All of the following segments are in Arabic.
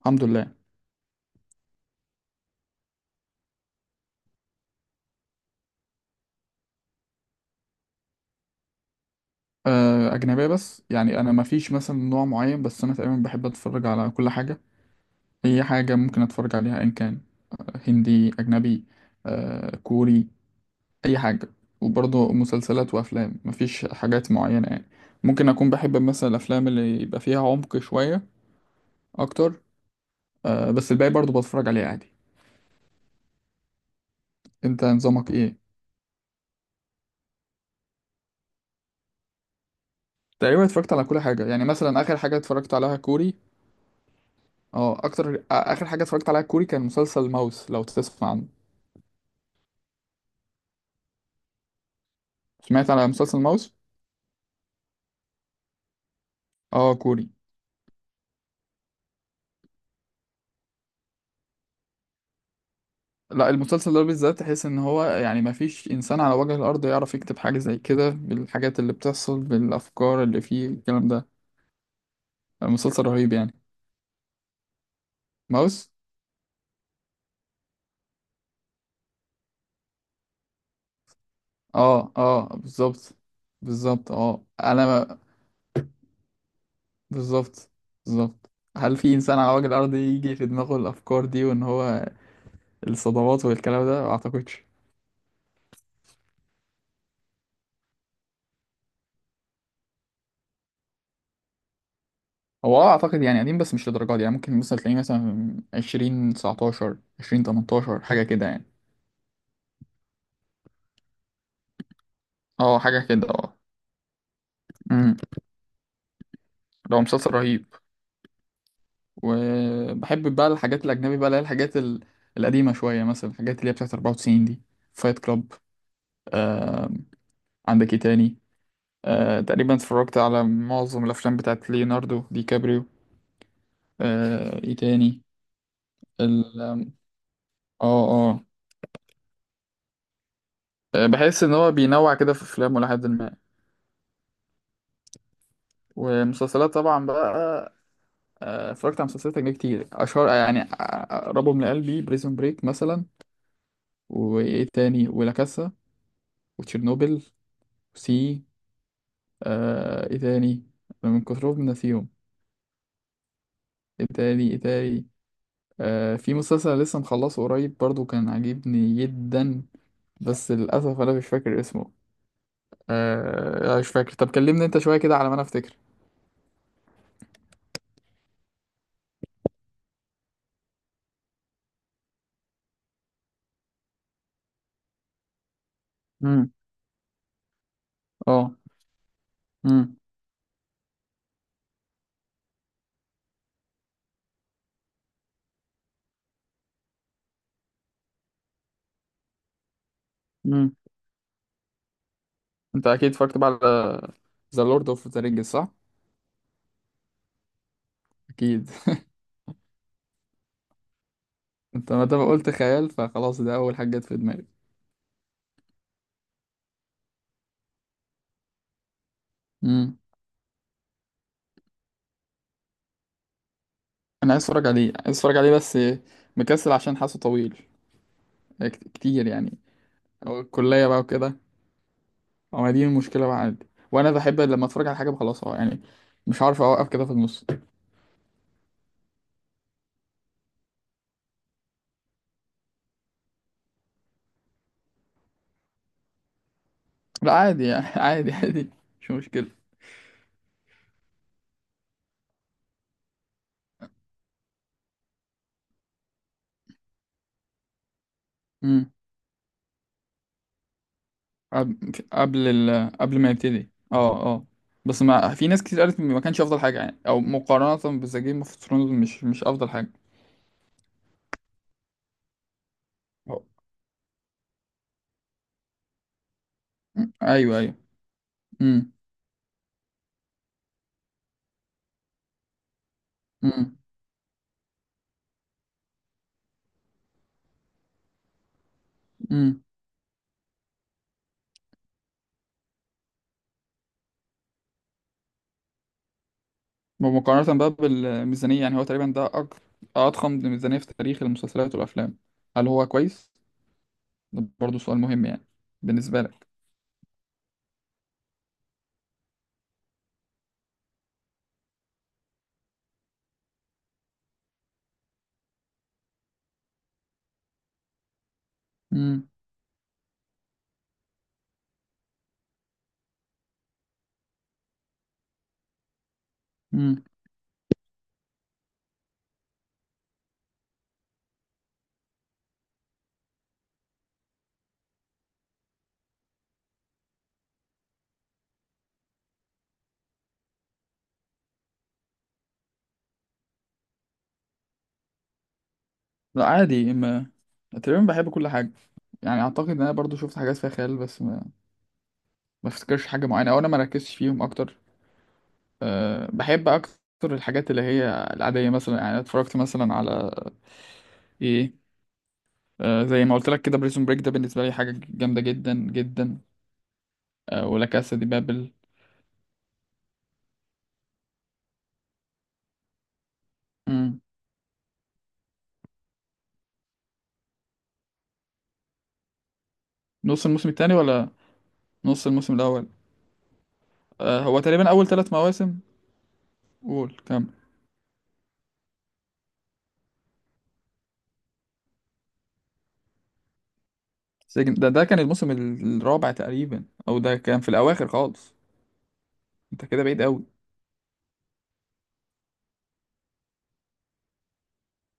الحمد لله. أجنبية بس، يعني أنا مفيش مثلا نوع معين، بس أنا تقريبا بحب أتفرج على كل حاجة. أي حاجة ممكن أتفرج عليها إن كان هندي أجنبي، كوري، أي حاجة. وبرضه مسلسلات وأفلام مفيش حاجات معينة يعني. ممكن أكون بحب مثلا الأفلام اللي يبقى فيها عمق شوية أكتر. بس الباقي برضه بتفرج عليه عادي. أنت نظامك إيه؟ تقريبا اتفرجت على كل حاجة، يعني مثلا آخر حاجة اتفرجت عليها كوري. اه أكتر آخر حاجة اتفرجت عليها كوري كان مسلسل ماوس، لو تسمع عنه. سمعت على مسلسل ماوس؟ اه، كوري. لا، المسلسل ده بالذات تحس ان هو يعني ما فيش انسان على وجه الارض يعرف يكتب حاجه زي كده، بالحاجات اللي بتحصل، بالافكار اللي فيه، الكلام ده. مسلسل رهيب يعني. ماوس. اه اه، بالظبط. بالظبط، انا بالظبط. بالظبط. هل في انسان على وجه الارض يجي في دماغه الافكار دي، وان هو الصدمات والكلام ده؟ ما اعتقدش. هو اعتقد يعني قديم، بس مش للدرجه دي، يعني ممكن مثلا تلاقيه مثلا 2019 2018 حاجه كده يعني. اه حاجه كده. اه. ده هو مسلسل رهيب. وبحب بقى الحاجات الأجنبي بقى اللي هي الحاجات القديمة شوية، مثلا الحاجات اللي هي بتاعت 94 دي. فايت كلاب. آه. عندك ايه تاني؟ تقريبا اتفرجت على معظم الأفلام بتاعت ليوناردو دي كابريو. ايه تاني؟ ال آم، اه اه. بحس إن هو بينوع كده في أفلامه لحد ما. ومسلسلات طبعا بقى. اتفرجت على مسلسلات أجنبي كتير أشهر، يعني أقربهم لقلبي بريزون بريك مثلا. وإيه تاني؟ ولا كاسا، وتشيرنوبل. سي. ايه تاني؟ انا من كترهم ناسيهم. ايه تاني ايه تاني؟ في مسلسل لسه مخلصه قريب برضو كان عاجبني جدا، بس للاسف انا مش فاكر اسمه. مش فاكر. طب كلمني انت شويه كده على ما انا افتكر. امم. اه. امم. امم. انت اكيد اتفرجت بقى على ذا لورد اوف ذا رينجز، صح؟ اكيد انت ما دام قلت خيال فخلاص، ده اول حاجه جت في دماغي. امم. انا عايز اتفرج عليه، عايز اتفرج عليه، بس مكسل عشان حاسه طويل، كتير يعني. أو الكليه بقى وكده. ما دي المشكلة بقى، عادي، وأنا بحب لما أتفرج على حاجة بخلصها يعني، مش عارف أوقف كده في النص. لا عادي يعني عادي عادي. مش مشكلة. امم. قبل ما يبتدي. اه اه. بس ما في ناس كتير قالت إن ما كانش أفضل حاجة، يعني أو مقارنة بذا جيم اوف ثرونز مش أفضل حاجة. أو-. مم. أيوه أيوه. امم. امم. امم. مقارنة بقى بالميزانية، يعني هو تقريبا ده أضخم ميزانية في تاريخ المسلسلات والأفلام. هل هو كويس؟ ده برضه سؤال مهم يعني، بالنسبة لك. امم. لا عادي، ما تقريبا بحب كل حاجة. يعني أعتقد إن أنا برضو شفت حاجات فيها خيال، بس ما أفتكرش حاجة معينة، أو أنا ما ركزتش فيهم أكتر. أه بحب أكتر الحاجات اللي هي العادية مثلا، يعني أنا اتفرجت مثلا على إيه، زي ما قلت لك كده بريزون بريك، ده بالنسبة لي حاجة جامدة جدا جدا. ولا كاسا دي بابل. مم. نص الموسم التاني ولا نص الموسم الأول؟ هو تقريبا أول ثلاث مواسم. قول كام. سجن، ده كان الموسم الرابع تقريبا، أو ده كان في الأواخر خالص. أنت كده بعيد أوي.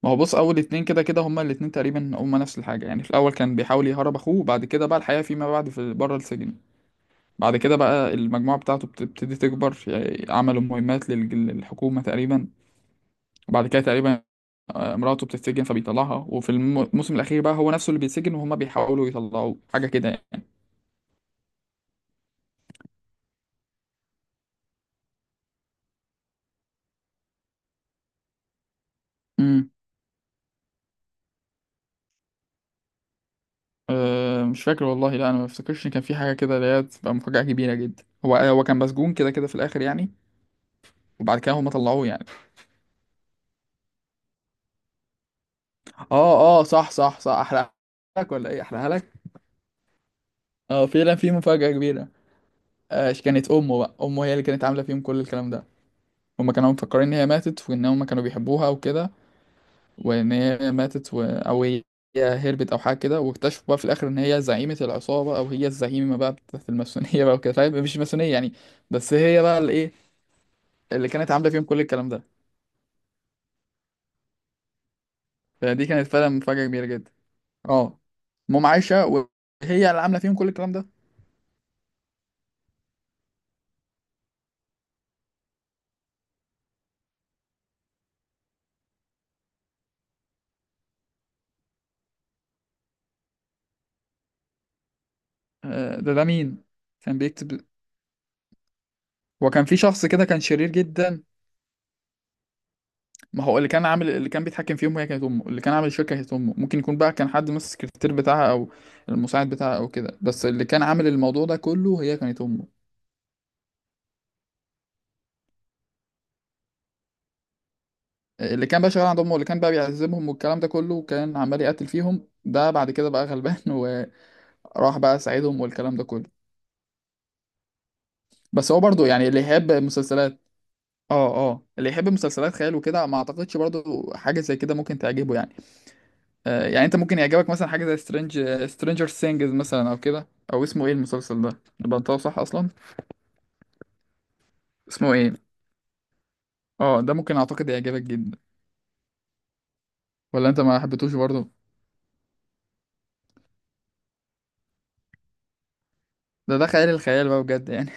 ما هو بص، اول اتنين كده كده هما الاتنين تقريبا هما نفس الحاجه، يعني في الاول كان بيحاول يهرب اخوه، وبعد كده بقى الحياه فيما بعد في بره السجن. بعد كده بقى المجموعه بتاعته بتبتدي تكبر، يعني عملوا مهمات للحكومه تقريبا. وبعد كده تقريبا مراته بتتسجن فبيطلعها، وفي الموسم الاخير بقى هو نفسه اللي بيتسجن، وهما بيحاولوا يطلعوه، حاجه كده يعني. امم. أه مش فاكر والله. لا انا ما افتكرش إن كان في حاجه كده اللي هي تبقى مفاجاه كبيره جدا. هو كان مسجون كده كده في الاخر يعني. وبعد كده هما طلعوه يعني. اه اه صح صح صح. احرقها لك ولا ايه؟ احرقها لك. اه فعلا في مفاجأة كبيرة. كانت امه بقى، امه هي اللي كانت عاملة فيهم كل الكلام ده. هما كانوا مفكرين ان هي ماتت، وان هما كانوا بيحبوها وكده، وان هي ماتت و... او هي هربت او حاجة كده، واكتشفوا بقى في الاخر ان هي زعيمة العصابة، او هي الزعيمة بقى بتاعت الماسونية بقى وكده، فاهم، مش ماسونية يعني، بس هي بقى الايه اللي كانت عاملة فيهم كل الكلام ده. فدي كانت فعلا مفاجأة كبيرة جدا. اه. مام عايشة وهي اللي عاملة فيهم كل الكلام ده. ده مين كان بيكتب؟ وكان في شخص كده كان شرير جدا. ما هو اللي كان عامل اللي كان بيتحكم في امه، هي كانت امه اللي كان عامل الشركه كانت امه. ممكن يكون بقى كان حد من السكرتير بتاعها او المساعد بتاعها او كده، بس اللي كان عامل الموضوع ده كله هي كانت امه. اللي كان بقى شغال عند امه، اللي كان بقى بيعذبهم والكلام ده كله، كان عمال يقتل فيهم، ده بعد كده بقى غلبان وراح بقى ساعدهم والكلام ده كله. بس هو برضو يعني اللي يحب مسلسلات، اه اه، اللي يحب مسلسلات خيال وكده، ما اعتقدش برضو حاجه زي كده ممكن تعجبه يعني. يعني انت ممكن يعجبك مثلا حاجه زي سترينجر سينجز مثلا او كده. او اسمه ايه المسلسل ده اللي بنطقه صح اصلا؟ اسمه ايه؟ اه ده ممكن اعتقد يعجبك جدا. ولا انت ما حبيتوش برضه؟ ده خيال الخيال بقى بجد يعني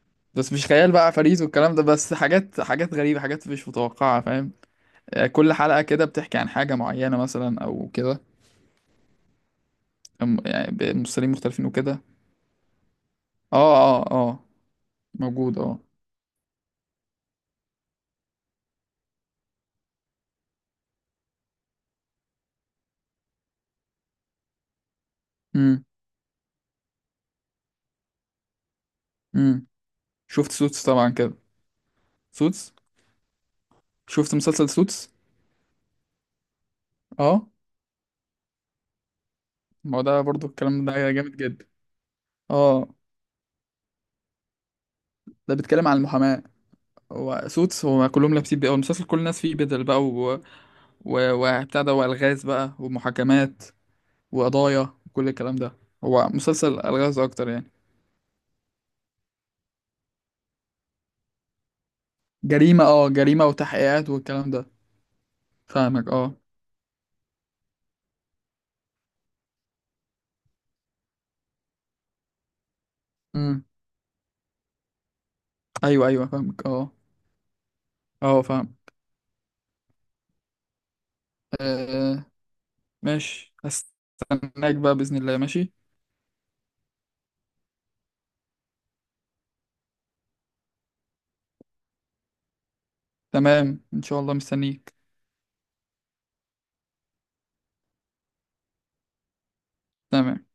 بس مش خيال بقى فريد والكلام ده، بس حاجات حاجات غريبه، حاجات مش متوقعه، فاهم؟ كل حلقه كده بتحكي عن حاجه معينه مثلا او كده. يعني بممثلين مختلفين وكده. اه اه اه، موجود اه. امم. امم. شفت سوتس طبعا كده؟ سوتس، شفت مسلسل سوتس؟ اه، ما هو ده برضو الكلام ده جامد جدا. اه، ده بيتكلم عن المحاماة. هو سوتس هو كلهم لابسين بقى المسلسل، كل الناس فيه بدل بقى و... و... وبتاع ده، والغاز بقى، ومحاكمات وقضايا وكل الكلام ده. هو مسلسل الغاز اكتر يعني. جريمة، اه جريمة وتحقيقات والكلام ده. فاهمك اه. امم. ايوه ايوه فاهمك اه. اه فاهم. آه ماشي. هستناك بقى بإذن الله. ماشي. تمام ان شاء الله مستنيك. تمام.